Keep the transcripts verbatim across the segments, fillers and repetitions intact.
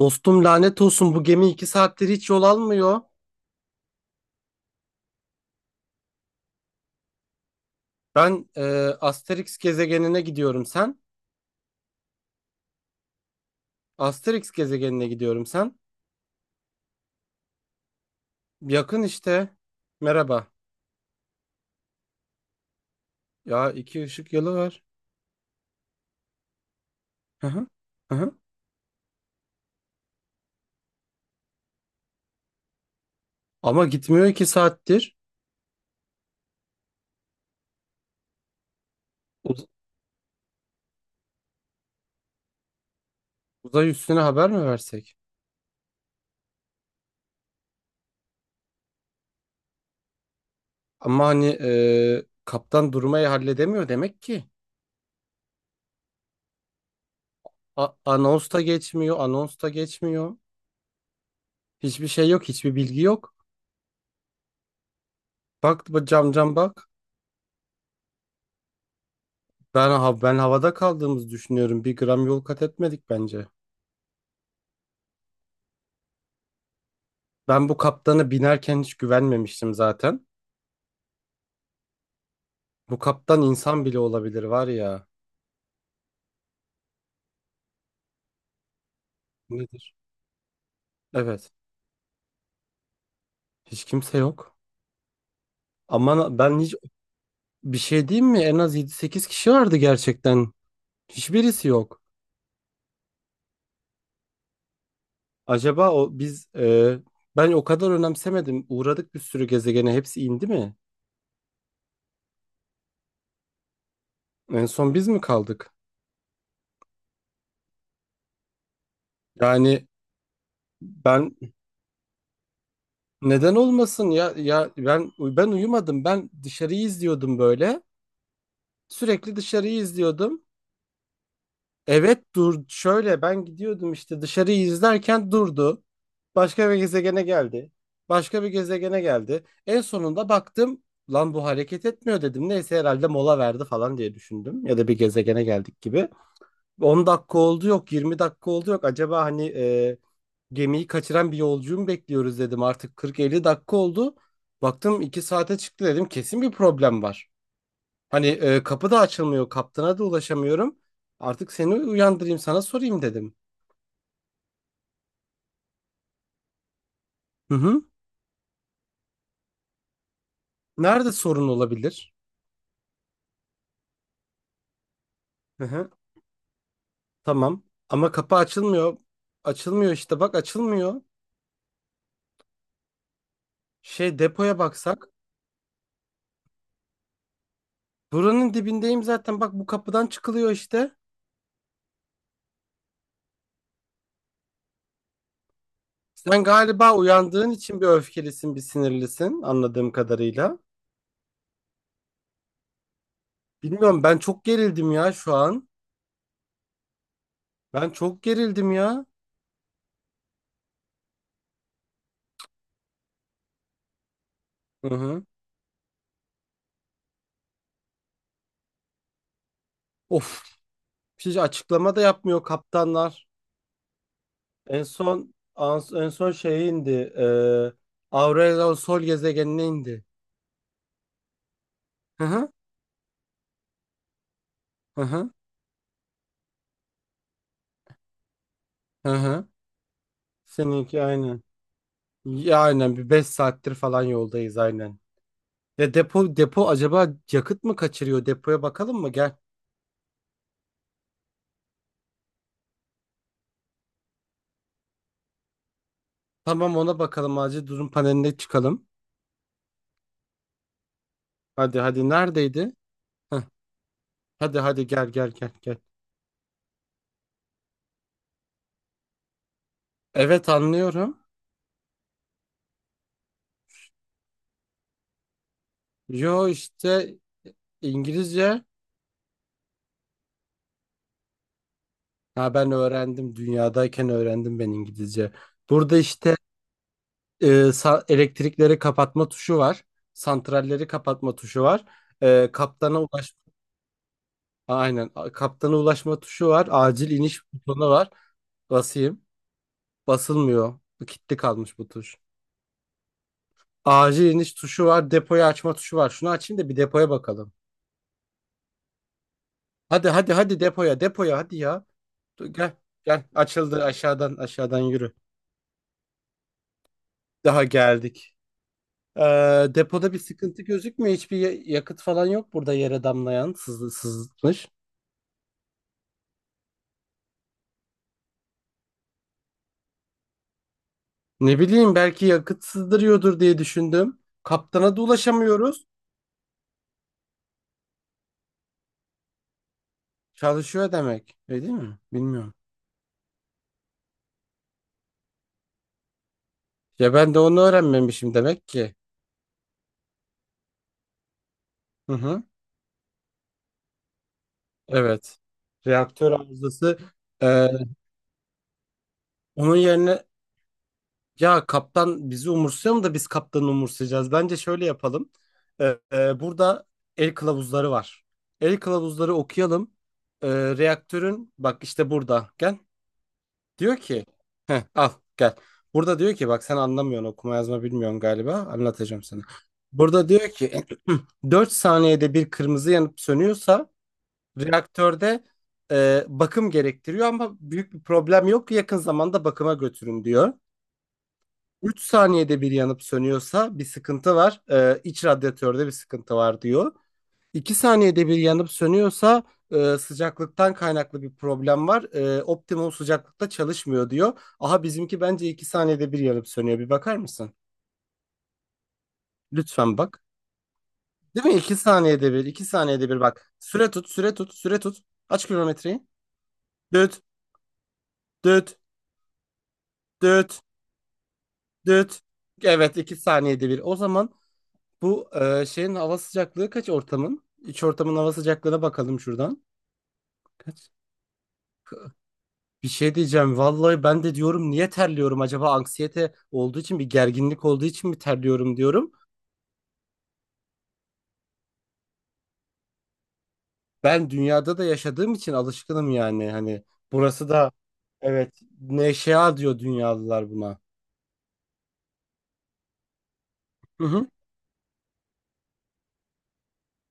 Dostum lanet olsun, bu gemi iki saattir hiç yol almıyor. Ben e, Asterix gezegenine gidiyorum sen. Asterix gezegenine gidiyorum sen. Yakın işte. Merhaba. Ya iki ışık yılı var. Hı hı. Hı hı. Ama gitmiyor iki saattir. Uz- Uzay üstüne haber mi versek? Ama hani e, kaptan durmayı halledemiyor demek ki. A anons da geçmiyor, anons da geçmiyor. Hiçbir şey yok, hiçbir bilgi yok. Bak bu cam cam bak. Ben, ha- ben havada kaldığımızı düşünüyorum. Bir gram yol kat etmedik bence. Ben bu kaptana binerken hiç güvenmemiştim zaten. Bu kaptan insan bile olabilir var ya. Nedir? Evet. Hiç kimse yok. Ama ben hiç bir şey diyeyim mi? En az yedi, sekiz kişi vardı gerçekten. Hiçbirisi yok. Acaba o biz e, ben o kadar önemsemedim. Uğradık bir sürü gezegene. Hepsi indi mi? En son biz mi kaldık? Yani ben neden olmasın ya, ya ben ben uyumadım, ben dışarıyı izliyordum böyle, sürekli dışarıyı izliyordum. Evet dur şöyle, ben gidiyordum işte dışarıyı izlerken durdu, başka bir gezegene geldi, başka bir gezegene geldi. En sonunda baktım lan bu hareket etmiyor dedim, neyse herhalde mola verdi falan diye düşündüm ya da bir gezegene geldik gibi. on dakika oldu yok, yirmi dakika oldu yok, acaba hani gemiyi kaçıran bir yolcuyu mu bekliyoruz dedim. Artık kırk elli dakika oldu. Baktım iki saate çıktı dedim. Kesin bir problem var. Hani e, kapı da açılmıyor. Kaptana da ulaşamıyorum. Artık seni uyandırayım, sana sorayım dedim. Hı hı. Nerede sorun olabilir? Hı hı. Tamam. Ama kapı açılmıyor. Açılmıyor işte bak açılmıyor. Şey, depoya baksak. Buranın dibindeyim zaten, bak bu kapıdan çıkılıyor işte. Sen galiba uyandığın için bir öfkelisin, bir sinirlisin anladığım kadarıyla. Bilmiyorum, ben çok gerildim ya şu an. Ben çok gerildim ya. Hı hı. Of. Hiç açıklama da yapmıyor kaptanlar. En son ans- en son şeye indi. E, Aurelion Sol gezegenine indi. Hı hı. Hı hı. Hı hı. Seninki aynen. Ya aynen bir beş saattir falan yoldayız aynen. Ya depo depo acaba yakıt mı kaçırıyor? Depoya bakalım mı? Gel. Tamam, ona bakalım, acil durum paneline çıkalım. Hadi hadi, neredeydi? Heh. Hadi hadi, gel gel gel gel. Evet, anlıyorum. Yo işte İngilizce. Ha, ben öğrendim. Dünyadayken öğrendim ben İngilizce. Burada işte e, sa- elektrikleri kapatma tuşu var. Santralleri kapatma tuşu var. E, kaptana ulaş, aynen, a- kaptana ulaşma tuşu var. Acil iniş butonu var. Basayım. Basılmıyor. Bu kilitli kalmış bu tuş. Acil iniş tuşu var. Depoyu açma tuşu var. Şunu açayım da bir depoya bakalım. Hadi hadi hadi, depoya depoya hadi ya. Dur, gel gel, açıldı, aşağıdan aşağıdan yürü. Daha geldik. Ee, depoda bir sıkıntı gözükmüyor. Hiçbir ya- yakıt falan yok, burada yere damlayan sızı, sızmış. Ne bileyim, belki yakıt sızdırıyordur diye düşündüm. Kaptana da ulaşamıyoruz. Çalışıyor demek. Öyle değil mi? Bilmiyorum. Ya ben de onu öğrenmemişim demek ki. Hı hı. Evet. Reaktör arızası. Ee, Onun yerine, ya kaptan bizi umursuyor mu da biz kaptanı umursayacağız? Bence şöyle yapalım. Ee, e, burada el kılavuzları var. El kılavuzları okuyalım. Ee, Reaktörün, bak işte burada. Gel. Diyor ki heh, al gel. Burada diyor ki bak, sen anlamıyorsun, okuma yazma bilmiyorsun galiba. Anlatacağım sana. Burada diyor ki dört saniyede bir kırmızı yanıp sönüyorsa reaktörde e, bakım gerektiriyor ama büyük bir problem yok. Yakın zamanda bakıma götürün diyor. Üç saniyede bir yanıp sönüyorsa bir sıkıntı var. Ee, iç radyatörde bir sıkıntı var diyor. iki saniyede bir yanıp sönüyorsa e, sıcaklıktan kaynaklı bir problem var. E, optimum sıcaklıkta çalışmıyor diyor. Aha, bizimki bence iki saniyede bir yanıp sönüyor. Bir bakar mısın? Lütfen bak. Değil mi? İki saniyede bir, iki saniyede bir bak. Süre tut, süre tut, süre tut. Aç kilometreyi. Düt, düt, düt, düt. Evet, iki saniyede bir. O zaman bu e, şeyin hava sıcaklığı kaç ortamın? İç ortamın hava sıcaklığına bakalım şuradan. Kaç? Bir şey diyeceğim. Vallahi ben de diyorum niye terliyorum acaba, anksiyete olduğu için, bir gerginlik olduğu için mi terliyorum diyorum. Ben dünyada da yaşadığım için alışkınım yani. Hani burası da evet, neşea diyor dünyalılar buna. Hı hı.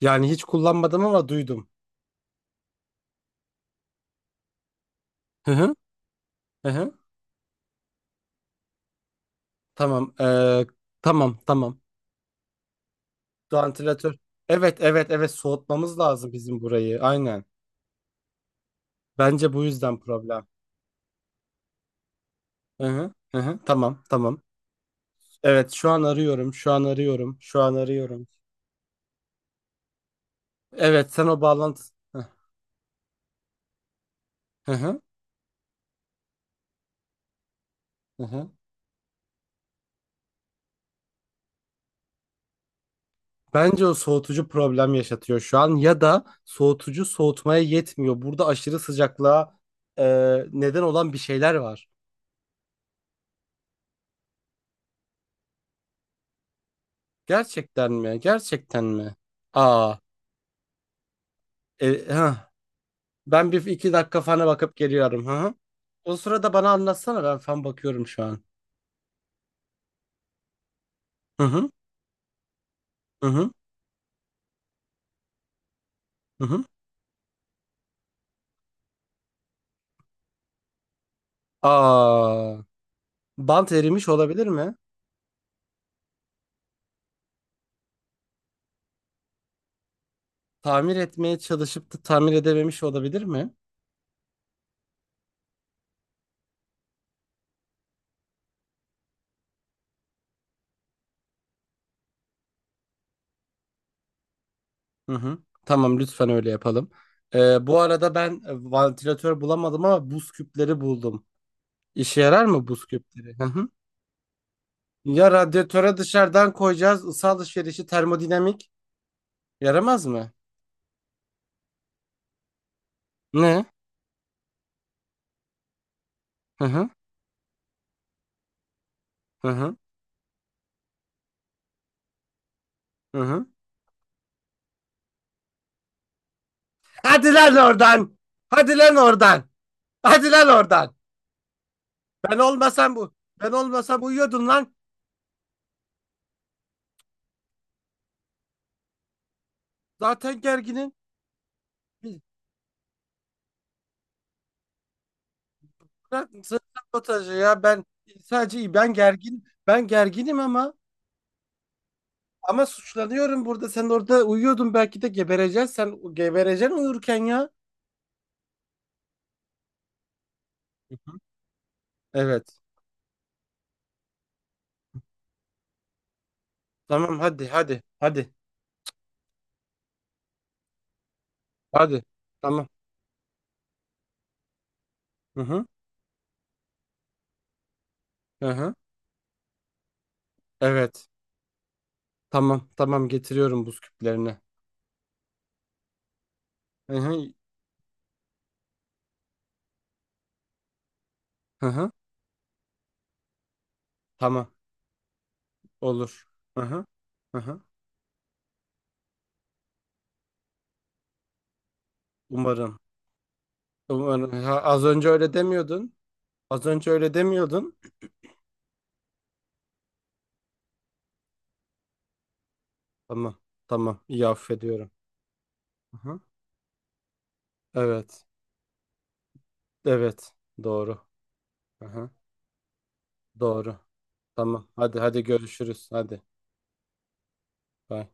Yani hiç kullanmadım ama duydum. Hı hı. Hı hı. Tamam. Ee, tamam tamam. Vantilatör. Evet evet evet, soğutmamız lazım bizim burayı. Aynen. Bence bu yüzden problem. Hı hı, hı hı, tamam, tamam. Evet, şu an arıyorum, şu an arıyorum, şu an arıyorum. Evet, sen o bağlantı... Hı hı, hı hı. Bence o soğutucu problem yaşatıyor şu an ya da soğutucu soğutmaya yetmiyor. Burada aşırı sıcaklığa e, neden olan bir şeyler var. Gerçekten mi? Gerçekten mi? Aa, e, hah. Ben bir iki dakika fana bakıp geliyorum. Hı hı. O sırada bana anlatsana, ben fan bakıyorum şu an. Hı hı, hı hı, hı hı. Aa. Bant erimiş olabilir mi? Tamir etmeye çalışıp da tamir edememiş olabilir mi? Hı hı. Tamam lütfen öyle yapalım. Ee, bu arada ben e, vantilatör bulamadım ama buz küpleri buldum. İşe yarar mı buz küpleri? Hı hı. Ya radyatöre dışarıdan koyacağız, ısı alışverişi, termodinamik. Yaramaz mı? Ne? Hı hı. Hı hı. Hı hı. Hadi lan oradan. Hadi lan oradan. Hadi lan oradan. Ben olmasam bu. Ben olmasam uyuyordun lan. Zaten gerginim. Bırak sabotajı ya, ben sadece, ben gergin, ben gerginim ama, ama suçlanıyorum burada. Sen orada uyuyordun, belki de gebereceksin, sen gebereceksin uyurken ya. Evet. Tamam hadi hadi hadi hadi. Tamam. Hı hı. Hı hı. Evet. Tamam tamam, getiriyorum buz küplerini. Hı hı. Hı hı. Tamam, olur. Hı hı. Hı hı. Umarım. Umarım. Ha, az önce öyle demiyordun. Az önce öyle demiyordun. Tamam tamam, iyi, affediyorum. Hı hı. Evet. Evet. Doğru. Aha, doğru. Tamam. Hadi hadi, görüşürüz. Hadi. Bye.